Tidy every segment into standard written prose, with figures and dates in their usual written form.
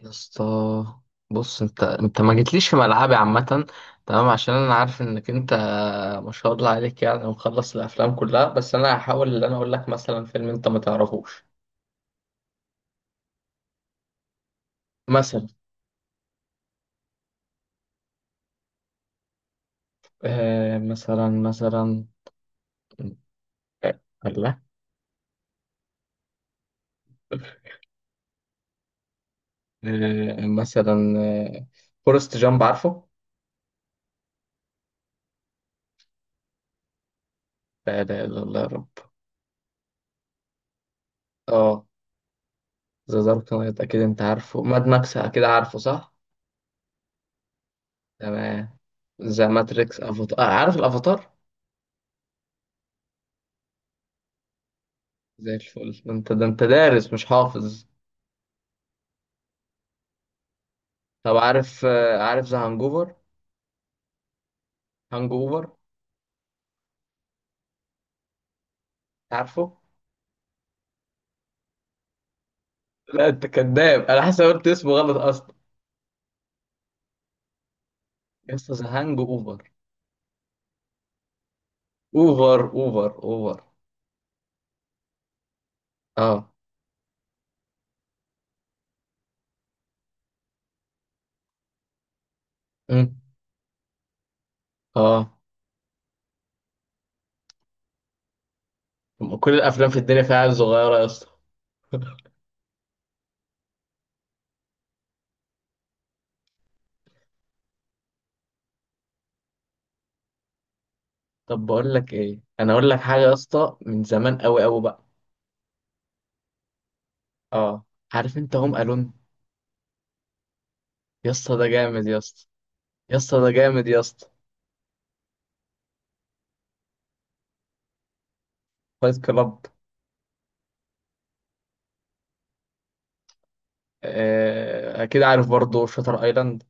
يا اسطى، بص. انت ما جيتليش في ملعبي عامة. تمام، عشان انا عارف انك انت ما شاء الله عليك، يعني مخلص الافلام كلها. بس انا هحاول ان انا اقول لك مثلا فيلم انت ما تعرفوش. مثلا. مثلا آه، الله. مثلا. فورست جامب، عارفه؟ لا اله الا الله يا رب. اه، ذا دارك نايت اكيد انت عارفه، ماد ماكس اكيد عارفه، صح؟ تمام. ذا ماتريكس، افاتار، عارف الافاتار؟ زي الفل. ده انت دارس مش حافظ. طب عارف ذا هانجوفر. هانجوفر، عارفه؟ لا انت كذاب، انا حاسس إن أنا قلت اسمه غلط اصلا. يس، ذا هانج اوفر. اوفر اوفر اوفر. اه. أمم. اه. كل الافلام في الدنيا فيها عيال صغيره يا اسطى. طب بقول لك ايه، انا اقول لك حاجه يا اسطى من زمان قوي قوي بقى. اه، عارف انت هوم الون؟ يا اسطى ده جامد يا اسطى. يا اسطى ده جامد يا اسطى. فايت كلاب. اكيد عارف برضه شاتر ايلاند.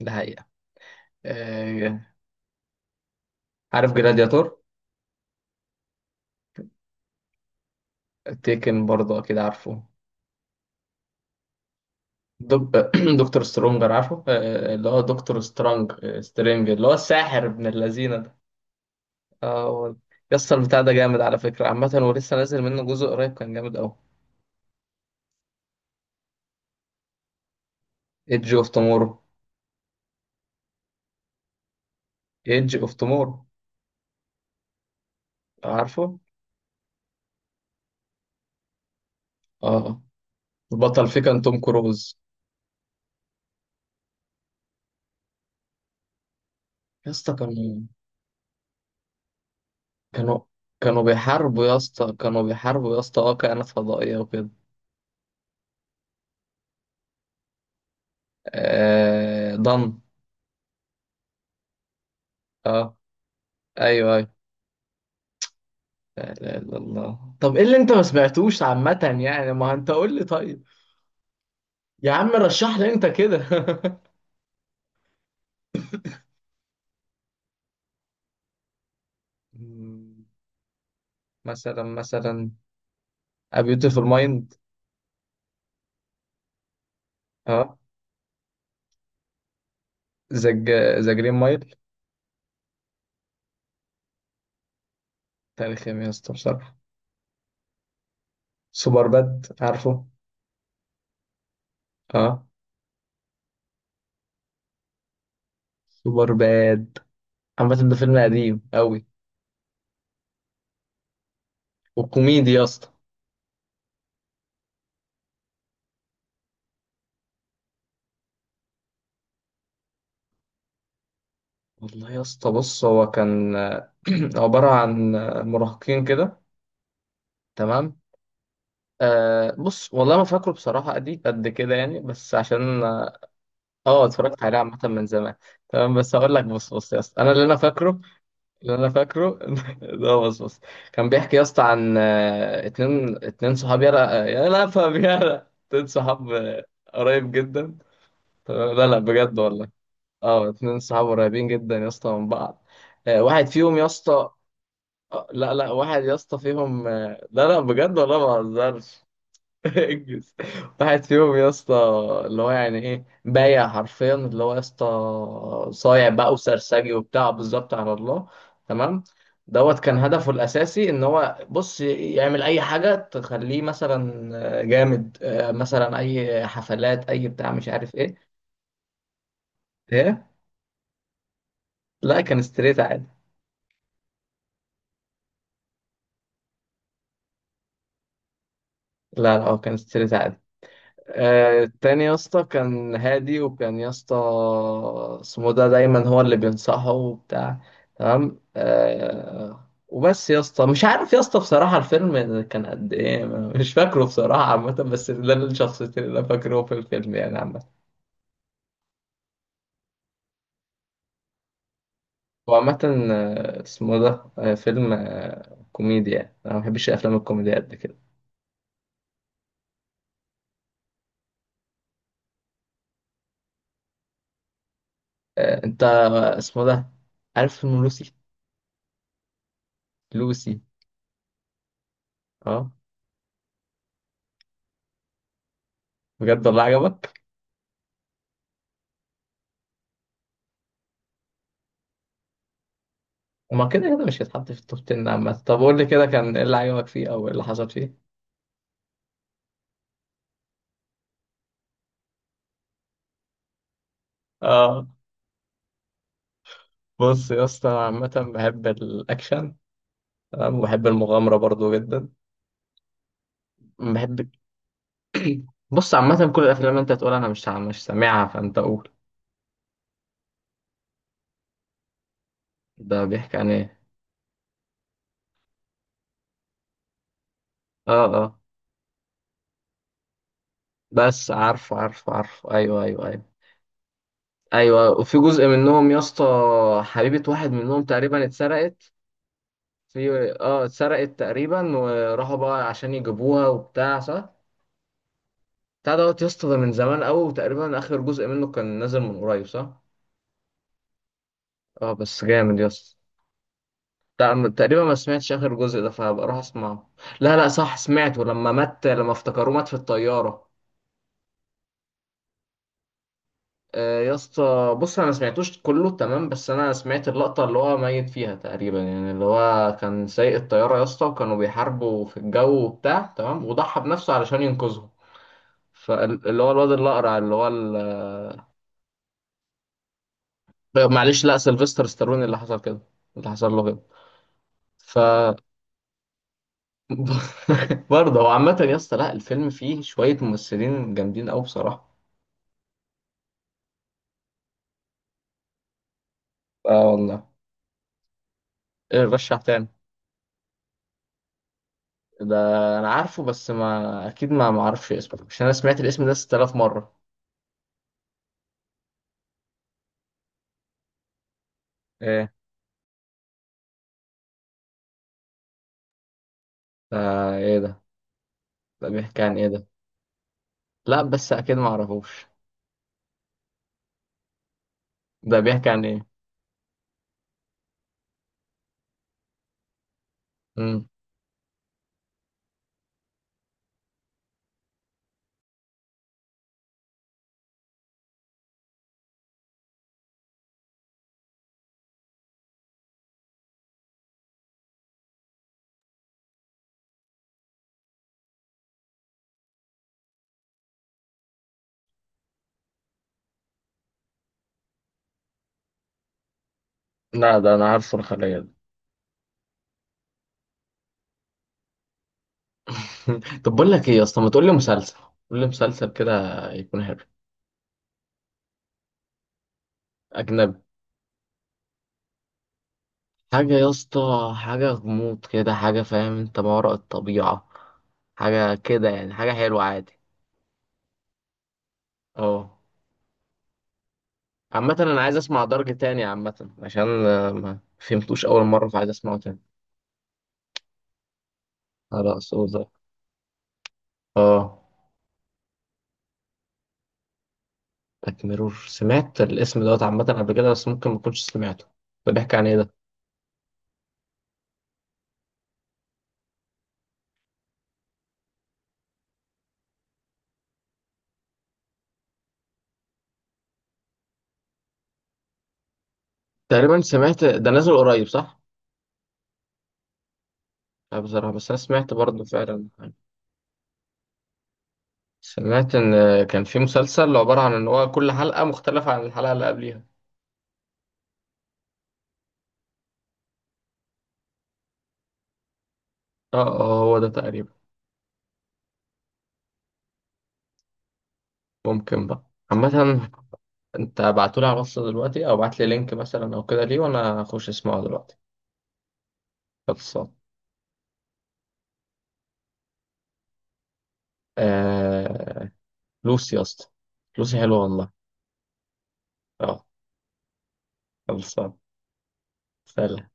ده. آه، عارف جلادياتور؟ تيكن برضه اكيد عارفه. دك... دكتور سترونجر، عارفه؟ اللي هو دكتور سترونج آه، سترينج، اللي هو الساحر ابن اللذينه ده. اه هو ده. يسطا البتاع ده جامد على فكره عامه، ولسه نازل منه جزء قريب كان جامد قوي. ايدج اوف تومورو. ايدج اوف تومورو، عارفه. اه. البطل فيه كان توم كروز. يسطا كانوا. كانوا كانوا بيحاربوا يا اسطى، كانوا بيحاربوا يا اسطى، اه، كائنات فضائيه وكده. ضن. اه، ايوه أيوه. لا لا لا، الله. طب ايه اللي انت ما سمعتوش عامة يعني؟ ما انت قول لي طيب. يا عم رشح لي انت كده. مم، مثلا A Beautiful Mind. اه. ذا ذا جرين مايل. تاريخ يا اسطى بصراحة. سوبر باد، عارفه؟ اه. سوبر باد. عامة ده فيلم قديم قوي، وكوميدي يا اسطى. والله يا اسطى بص، هو كان عبارة عن مراهقين كده. تمام. بص، والله ما فاكره بصراحة قد قد كده يعني، بس عشان. اه، اتفرجت عليه عامة من زمان. تمام، بس هقول لك. بص بص يا اسطى، انا اللي انا فاكره، اللي انا فاكره ده، بص بص، كان بيحكي يا اسطى عن اتنين صحاب. يلا يلا، فاهم؟ يلا، اتنين صحاب قريب جدا. تمام، لا لا، بجد والله. اه، اتنين صحاب قريبين جدا يا اسطى من بعض. واحد فيهم يا اسطى. لا لا، واحد يا اسطى فيهم. لا لا بجد والله ما بهزرش. انجز. واحد فيهم يا اسطى، اللي هو يعني ايه، بايع حرفيا. اللي هو يا اسطى صايع بقى وسرسجي وبتاع بالظبط، على الله. تمام. دوت كان هدفه الاساسي ان هو بص يعمل اي حاجه تخليه مثلا جامد، مثلا اي حفلات، اي بتاع مش عارف ايه. ايه؟ لا كان ستريت عادي. لا لا، هو كان ستريت عادي. التاني يا اسطى كان هادي، وكان يا اسطى اسمه ده دايما هو اللي بينصحه وبتاع. تمام. وبس يا اسطى، مش عارف يا اسطى بصراحة الفيلم كان قد ايه، مش فاكره بصراحة عامة، بس ده الشخصيتين اللي انا فاكره في الفيلم يعني عامة. هو عامة اسمه ده فيلم كوميديا يعني. انا ما بحبش الافلام الكوميديا قد كده. انت، اسمه ده، عارف فيلم لوسي؟ لوسي. اه، بجد والله عجبك؟ ما كده كده مش هيتحط في التوب 10 عامة. طب قول لي كده، كان ايه اللي عجبك فيه او ايه اللي حصل فيه؟ اه، بص يا اسطى، أنا عامة بحب الأكشن، تمام، وبحب المغامرة برضو جدا. بحب. بص عامة كل الأفلام أنت تقول أنا مش سامعها، فأنت قول. ده بيحكي عن إيه؟ اه اه. بس عارفه عارفه عارفه، أيوه أيوه أيوه. أيوه، وفي جزء منهم يا اسطى حبيبة واحد منهم تقريبا اتسرقت. في، اه، اتسرقت تقريبا، وراحوا بقى عشان يجيبوها وبتاع، صح. بتاع دوت يا اسطى ده من زمان قوي، وتقريبا اخر جزء منه كان نازل من قريب، صح؟ اه بس جامد يا اسطى. تقريبا ما سمعتش اخر جزء ده، فهبقى اروح اسمعه. لا لا، صح، سمعته لما مات، لما افتكروه مات في الطياره. آه يا اسطى بص، انا ما سمعتوش كله تمام، بس انا سمعت اللقطه اللي هو ميت فيها تقريبا، يعني اللي هو كان سايق الطياره يا اسطى، وكانوا بيحاربوا في الجو وبتاع، تمام، وضحى بنفسه علشان ينقذهم. فاللي هو الواد الاقرع، اللي هو معلش، لا سيلفستر ستالون اللي حصل كده، اللي حصل له كده. ف برضه هو عامة يا اسطى، لا الفيلم فيه شوية ممثلين جامدين أوي بصراحة. اه والله. رشح تاني. ده أنا عارفه، بس ما أكيد ما معرفش اسمه، عشان أنا سمعت الاسم ده 6000 مرة. إيه ده؟ إيه ده؟ ده بيحكي عن إيه ده؟ لا بس أكيد ما أعرفوش. ده بيحكي عن إيه؟ مم. لا ده أنا عارفه، الخلية ده. طب بقول لك إيه يا اسطى، ما تقول لي مسلسل. قول لي مسلسل كده يكون حلو. أجنبي. حاجة يا اسطى، حاجة غموض كده، حاجة فاهم انت، ما وراء الطبيعة، حاجة كده يعني، حاجة حلوة عادي. اه. عامة انا عايز اسمع درج تاني عامة، عشان ما فهمتوش اول مرة، فعايز اسمعه تاني. خلاص هو ده. اه. بلاك ميرور، سمعت الاسم دوت عامة قبل كده، بس ممكن ما كنتش سمعته. ده بيحكي عن ايه ده؟ تقريبا سمعت ده نازل قريب، صح؟ لا بصراحة، بس انا سمعت برضه فعلا. سمعت ان كان في مسلسل عبارة عن ان هو كل حلقة مختلفة عن الحلقة اللي قبليها. اه اه، هو ده تقريبا. ممكن بقى. عامة، انت بعتولي على الواتس دلوقتي، او بعتلي لينك مثلا او كده ليه، وانا اخش اسمعه دلوقتي. خلصان. آه... لوسي يا اسطى. لوسي حلوة والله. اه. خلصان. سلام.